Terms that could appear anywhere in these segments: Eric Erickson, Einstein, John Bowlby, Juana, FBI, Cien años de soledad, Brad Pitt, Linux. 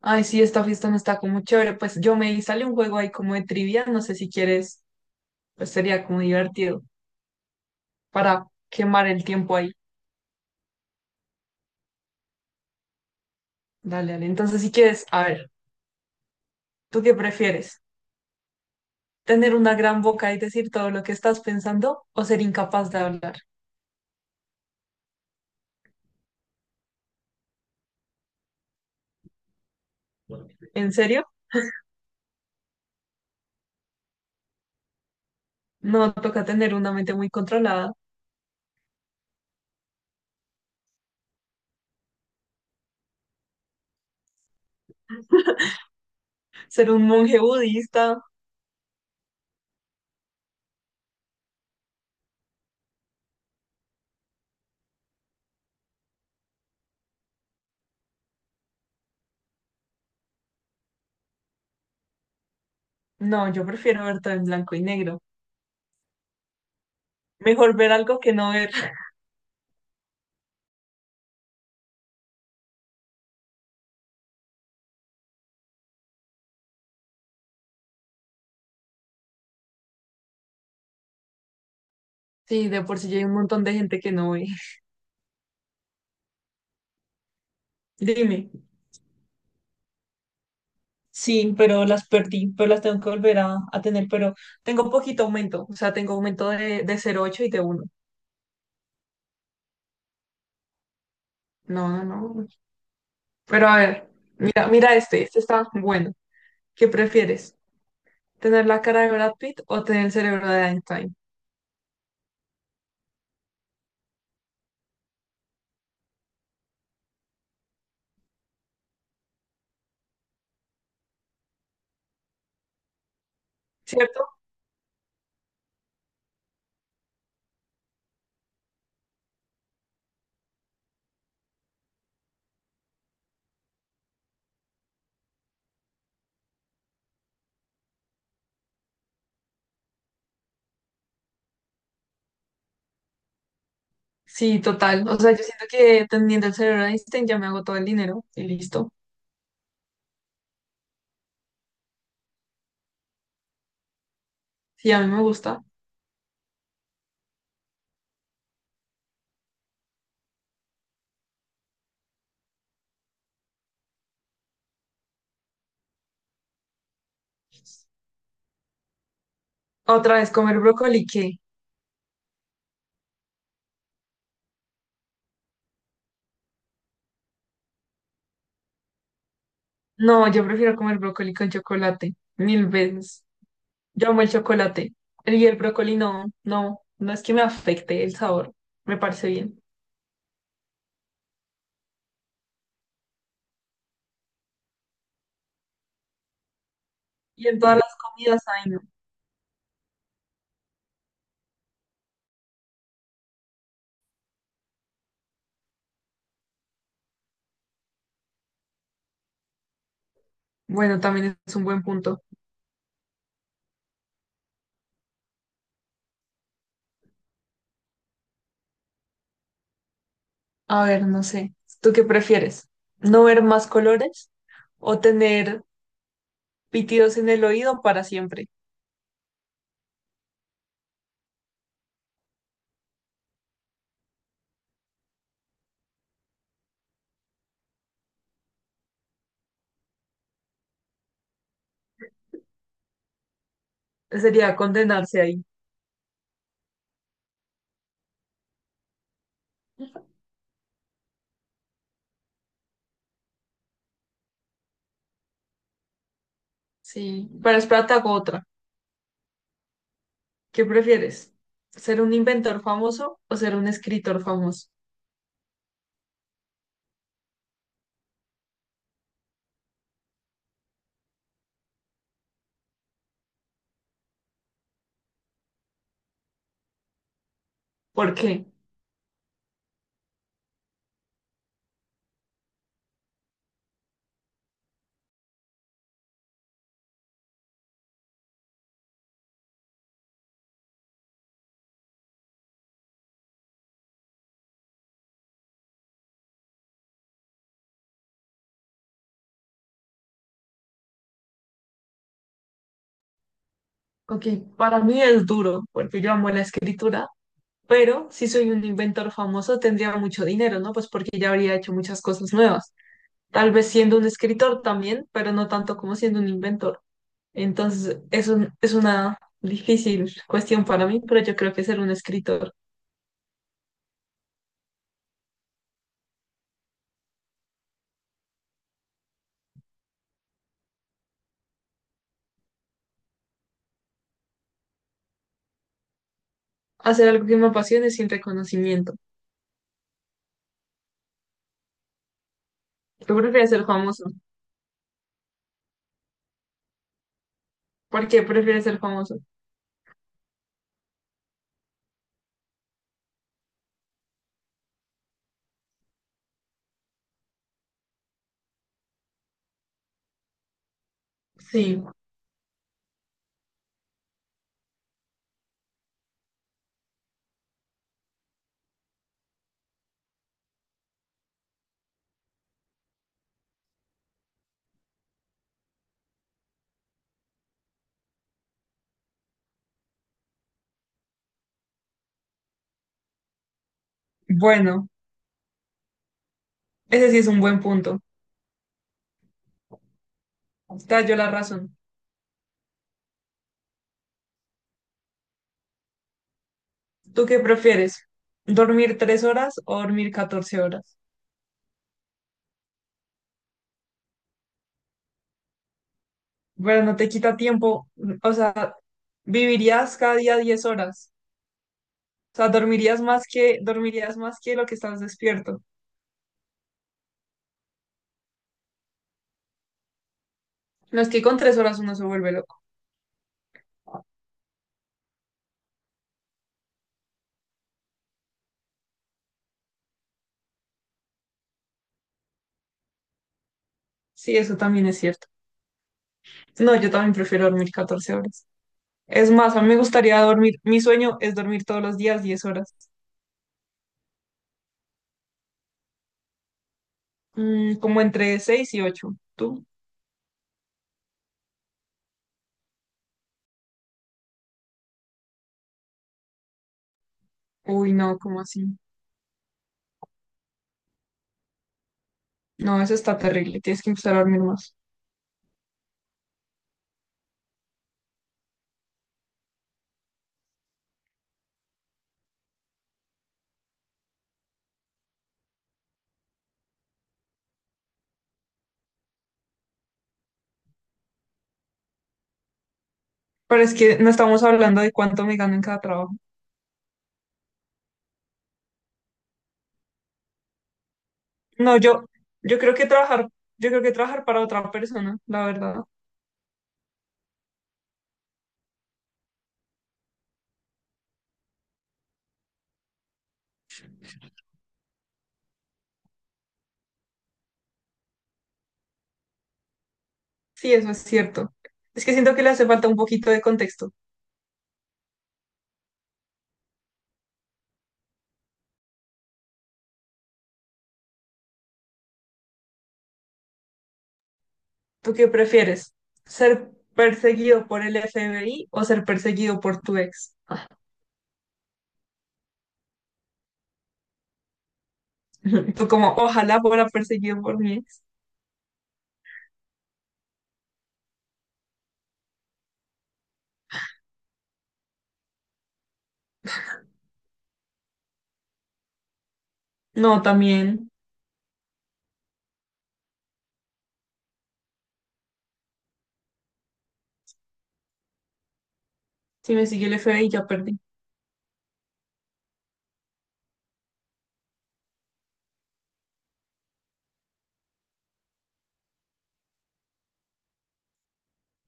Ay, sí, esta fiesta no está como chévere. Pues yo me vi, sale un juego ahí como de trivia, no sé si quieres, pues sería como divertido para quemar el tiempo ahí. Dale, dale. Entonces, si quieres, a ver, ¿tú qué prefieres? ¿Tener una gran boca y decir todo lo que estás pensando o ser incapaz de hablar? ¿En serio? No, toca tener una mente muy controlada, ser un monje budista. No, yo prefiero ver todo en blanco y negro. Mejor ver algo que no ver. Sí, de por sí ya hay un montón de gente que no ve. Dime. Sí, pero las perdí, pero las tengo que volver a tener, pero tengo poquito aumento, o sea, tengo aumento de 0,8 y de 1. No, no, no. Pero a ver, mira, mira este, este está bueno. ¿Qué prefieres? ¿Tener la cara de Brad Pitt o tener el cerebro de Einstein? ¿Cierto? Sí, total. O sea, yo siento que teniendo el cerebro de Einstein ya me hago todo el dinero y listo. Sí, a mí me gusta. Otra vez, comer brócoli, ¿qué? No, yo prefiero comer brócoli con chocolate, mil veces. Yo amo el chocolate. Y el brócoli no, no, no es que me afecte el sabor. Me parece bien. Y en todas las comidas, ay, no. Bueno, también es un buen punto. A ver, no sé. ¿Tú qué prefieres? ¿No ver más colores o tener pitidos en el oído para siempre? Sería condenarse ahí. Sí. Pero espérate, hago otra. ¿Qué prefieres? ¿Ser un inventor famoso o ser un escritor famoso? ¿Por qué? Ok, para mí es duro, porque yo amo la escritura. Pero si soy un inventor famoso, tendría mucho dinero, ¿no? Pues porque ya habría hecho muchas cosas nuevas. Tal vez siendo un escritor también, pero no tanto como siendo un inventor. Entonces, es una difícil cuestión para mí, pero yo creo que ser un escritor, hacer algo que me apasione sin reconocimiento. Yo prefiero ser famoso. ¿Por qué prefieres ser famoso? Sí, bueno, ese sí es un buen punto. Te yo la razón. ¿Tú qué prefieres? ¿Dormir 3 horas o dormir 14 horas? Pero no te quita tiempo, o sea, vivirías cada día 10 horas, o sea, dormirías más que lo que estás despierto. No es que con 3 horas uno se vuelve loco. Sí, eso también es cierto. No, yo también prefiero dormir 14 horas. Es más, a mí me gustaría dormir, mi sueño es dormir todos los días 10 horas. Mm, como entre 6 y ocho. ¿Tú? Uy, no, ¿cómo así? No, eso está terrible, tienes que empezar a dormir más. Pero es que no estamos hablando de cuánto me gano en cada trabajo. No, yo creo que trabajar, yo creo que trabajar para otra persona, la verdad. Sí, eso es cierto. Es que siento que le hace falta un poquito de contexto. ¿Tú qué prefieres? ¿Ser perseguido por el FBI o ser perseguido por tu ex? Tú como, ojalá fuera perseguido por mi ex. No, también, si me sigue el FBI ya perdí.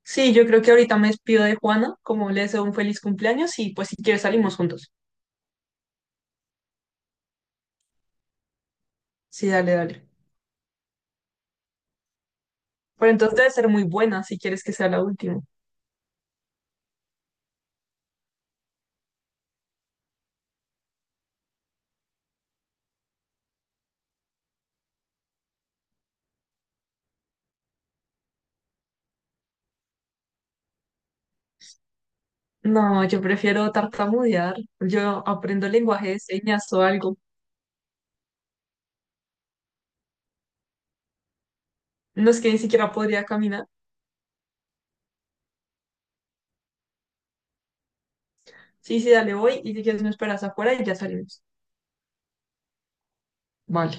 Sí, yo creo que ahorita me despido de Juana, como le deseo un feliz cumpleaños y pues si quieres salimos juntos. Sí, dale, dale. Pero entonces debe ser muy buena si quieres que sea la última. No, yo prefiero tartamudear. Yo aprendo lenguaje de señas o algo. No es que ni siquiera podría caminar. Sí, sí, dale, voy y si quieres me esperas afuera y ya salimos. Vale.